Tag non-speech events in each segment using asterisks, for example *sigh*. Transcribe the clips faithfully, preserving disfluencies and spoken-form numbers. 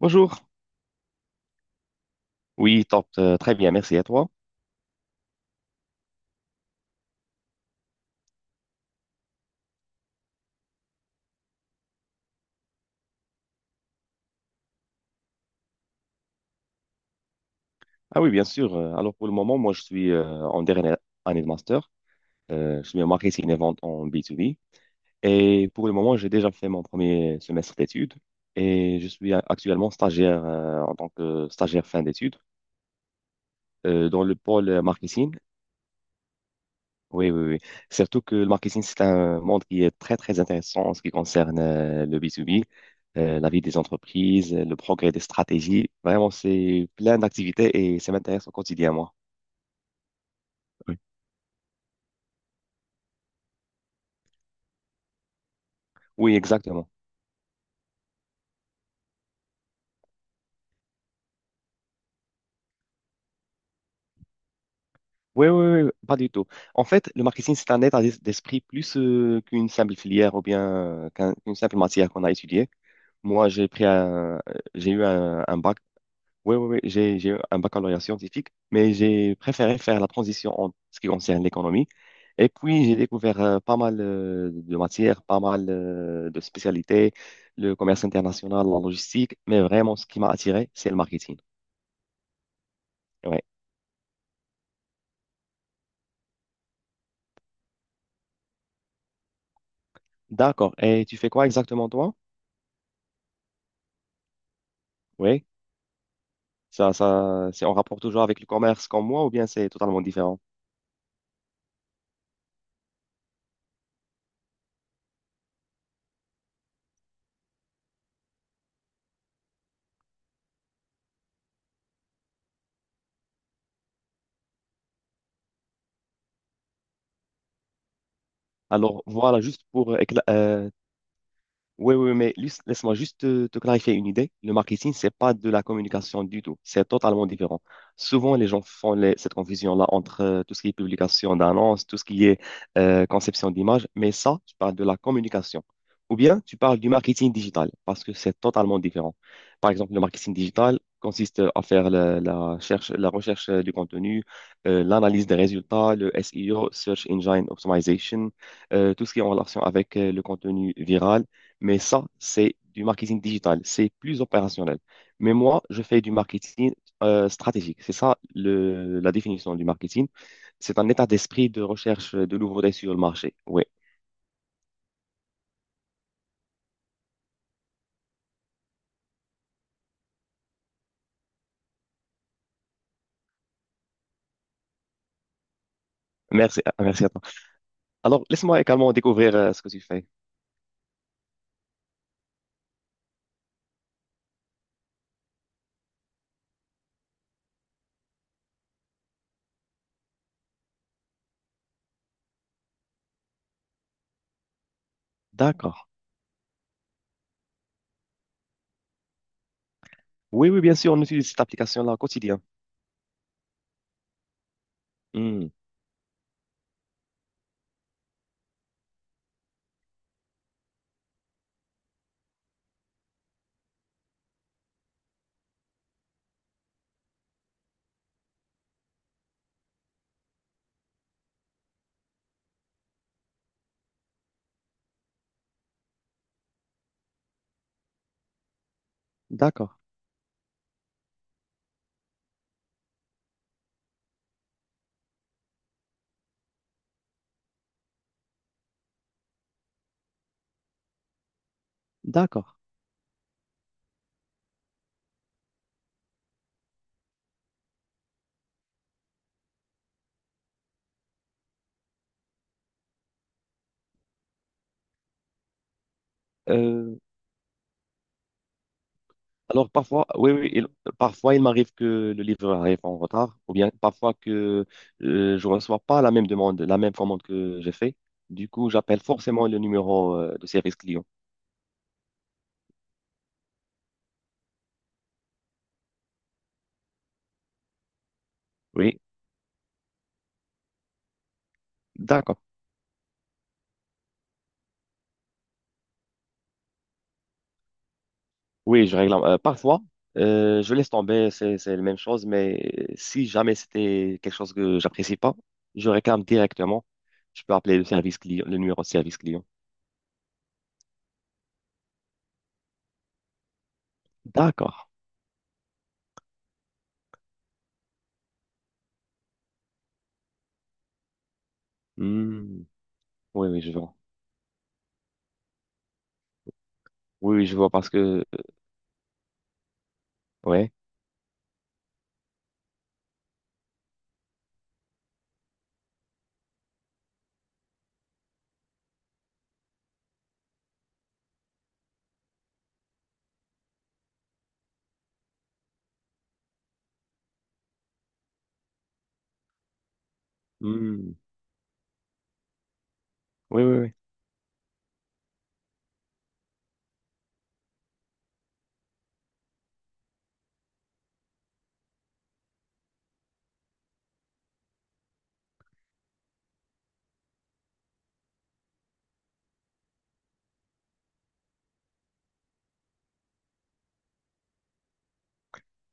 Bonjour. Oui, top. Euh, très bien, merci à toi. Ah oui, bien sûr. euh, Alors pour le moment, moi je suis euh, en dernière année de master. Euh, je suis en marketing et vente en B deux B. Et pour le moment, j'ai déjà fait mon premier semestre d'études et je suis a- actuellement stagiaire euh, en tant que stagiaire fin d'études euh, dans le pôle marketing. Oui, oui, oui. Surtout que le marketing, c'est un monde qui est très, très intéressant en ce qui concerne euh, le B deux B, euh, la vie des entreprises, le progrès des stratégies. Vraiment, c'est plein d'activités et ça m'intéresse au quotidien, moi. Oui. Oui, exactement. Oui, oui, oui, oui, pas du tout. En fait, le marketing, c'est un état d'es- d'esprit plus euh, qu'une simple filière ou bien euh, qu'un- qu'une simple matière qu'on a étudiée. Moi, j'ai pris un, euh, j'ai eu un, un bac. Oui, oui, oui, j'ai j'ai eu un baccalauréat scientifique, mais j'ai préféré faire la transition en ce qui concerne l'économie. Et puis, j'ai découvert euh, pas mal euh, de matières, pas mal euh, de spécialités, le commerce international, la logistique, mais vraiment, ce qui m'a attiré, c'est le marketing. Ouais. D'accord. Et tu fais quoi exactement, toi? Oui. Ça, ça, c'est en rapport toujours avec le commerce comme moi ou bien c'est totalement différent? Alors, voilà, juste pour écla- euh, oui, oui, mais lui- laisse-moi juste te, te clarifier une idée. Le marketing, c'est pas de la communication du tout. C'est totalement différent. Souvent, les gens font les- cette confusion-là entre euh, tout ce qui est publication d'annonces, tout ce qui est euh, conception d'images. Mais ça, tu parles de la communication. Ou bien, tu parles du marketing digital, parce que c'est totalement différent. Par exemple, le marketing digital consiste à faire la, la cherche- la recherche euh, du contenu, euh, l'analyse des résultats, le S E O, Search Engine Optimization, euh, tout ce qui est en relation avec euh, le contenu viral, mais ça, c'est du marketing digital, c'est plus opérationnel. Mais moi, je fais du marketing euh, stratégique. C'est ça le, la définition du marketing. C'est un état d'esprit de recherche de nouveautés sur le marché. Oui, merci, merci à toi. Alors, laisse-moi également découvrir euh, ce que tu fais. D'accord. Oui, oui, bien sûr, on utilise cette application-là au quotidien. Hmm. D'accord, d'accord. Euh, alors parfois, oui, oui, il- parfois il m'arrive que le livreur arrive en retard, ou bien parfois que euh, je ne reçois pas la même demande, la même commande que j'ai fait. Du coup, j'appelle forcément le numéro euh, de service client. Oui, d'accord. Oui, je réclame. Euh, parfois, euh, je laisse tomber, c'est c'est la même chose, mais si jamais c'était quelque chose que j'apprécie pas, je réclame directement. Je peux appeler le service client, le numéro de service client. D'accord. Hmm. Oui, oui, je vois. Oui, oui, je vois parce que, ouais. Hmm. Oui, oui, oui.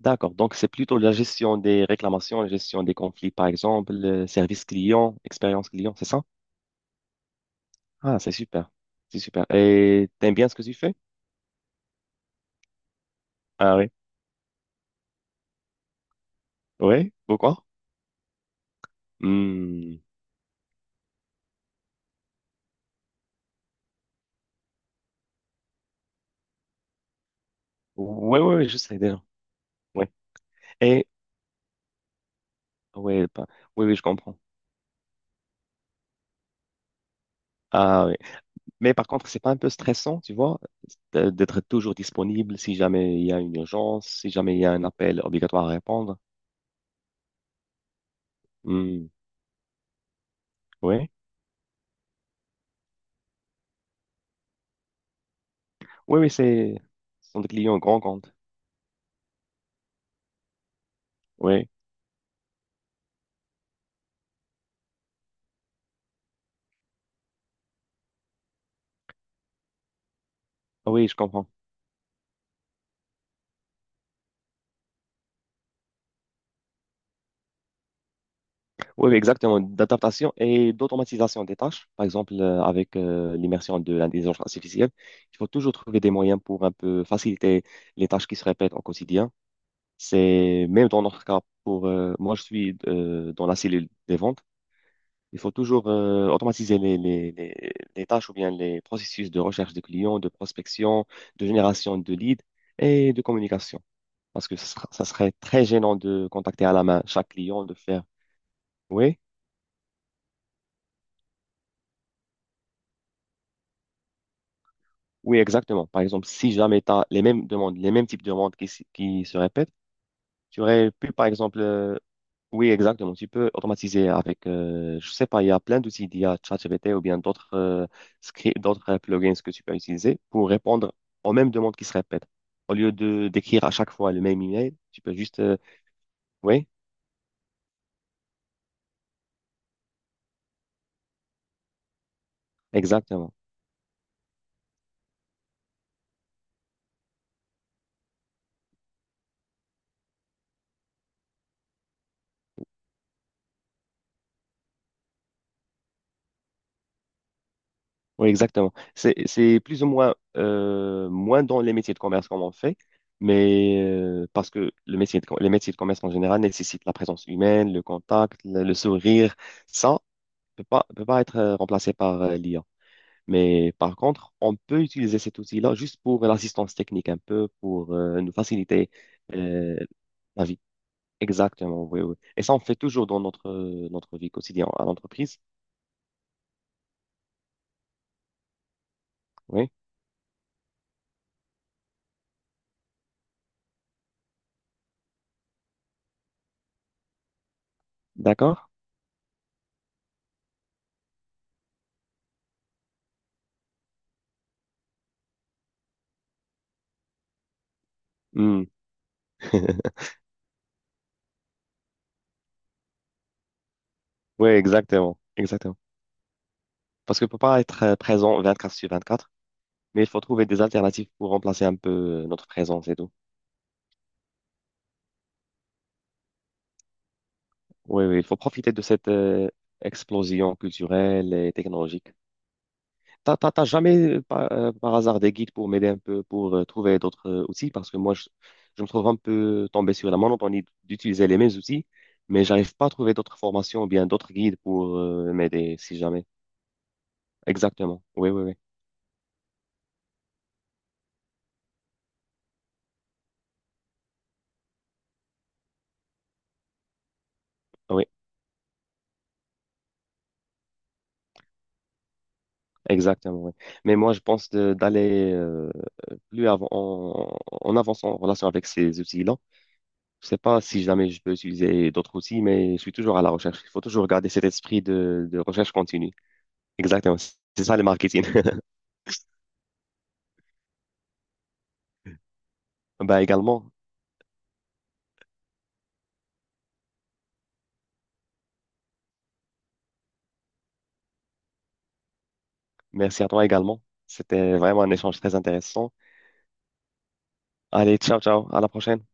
D'accord. Donc, c'est plutôt la gestion des réclamations, la gestion des conflits, par exemple, le service client, expérience client, c'est ça? Ah, c'est super. C'est super. Et t'aimes bien ce que tu fais? Ah oui. Oui? Pourquoi? Hmm. Oui, oui, oui, je sais déjà. Ouais. Et ouais, pas- oui, oui, je comprends. Ah oui. Mais par contre, c'est pas un peu stressant, tu vois, de- d'être toujours disponible si jamais il y a une urgence, si jamais il y a un appel obligatoire à répondre. Hmm. Oui. Oui, oui, c'est ce sont des clients grands comptes. Oui. Ah oui, je comprends. Oui, oui, exactement, d'adaptation et d'automatisation des tâches. Par exemple, euh, avec euh, l'immersion de l'intelligence artificielle, il faut toujours trouver des moyens pour un peu faciliter les tâches qui se répètent au quotidien. C'est même dans notre cas, pour euh, moi, je suis euh, dans la cellule des ventes. Il faut toujours euh, automatiser les, les, les, les tâches ou bien les processus de recherche de clients, de prospection, de génération de leads et de communication. Parce que ça sera- ça serait très gênant de contacter à la main chaque client, de faire. Oui. Oui, exactement. Par exemple, si jamais tu as les mêmes demandes, les mêmes types de demandes qui, s- qui se répètent, tu aurais pu, par exemple, euh, oui, exactement, tu peux automatiser avec, euh, je sais pas, il y a plein d'outils d'I a ChatGPT ou bien d'autres euh, scripts, d'autres euh, plugins que tu peux utiliser pour répondre aux mêmes demandes qui se répètent. Au lieu de d'écrire à chaque fois le même email, tu peux juste, euh, oui, exactement. Oui, exactement. C'est, c'est plus ou moins euh, moins dans les métiers de commerce comme on fait, mais euh, parce que le métier de, com- les métiers de commerce en général nécessitent la présence humaine, le contact, le, le sourire. Ça peut pas, peut pas être euh, remplacé par euh, l'I A. Mais par contre, on peut utiliser cet outil-là juste pour l'assistance technique un peu, pour euh, nous faciliter euh, la vie. Exactement, oui, oui. Et ça, on fait toujours dans notre, euh, notre vie quotidienne à l'entreprise. Oui, d'accord? Hmm. *laughs* Oui, exactement, exactement. Parce que ne peut pas être euh, présent vingt-quatre sur vingt-quatre, mais il faut trouver des alternatives pour remplacer un peu euh, notre présence et tout. Oui, oui, il faut profiter de cette euh, explosion culturelle et technologique. T'as, t'as, t'as jamais, euh, par, euh, par hasard, des guides pour m'aider un peu, pour euh, trouver d'autres euh, outils? Parce que moi, je, je me trouve un peu tombé sur la monotonie d'utiliser les mêmes outils, mais j'arrive pas à trouver d'autres formations ou bien d'autres guides pour euh, m'aider, si jamais. Exactement. Oui, oui, oui. Exactement, oui. Mais moi, je pense de- d'aller euh, plus avant, en, en avançant en relation avec ces outils-là. Je sais pas si jamais je peux utiliser d'autres outils, mais je suis toujours à la recherche. Il faut toujours garder cet esprit de, de recherche continue. Exactement. C'est ça le marketing. *laughs* Ben également, merci à toi également. C'était vraiment un échange très intéressant. Allez, ciao, ciao. À la prochaine.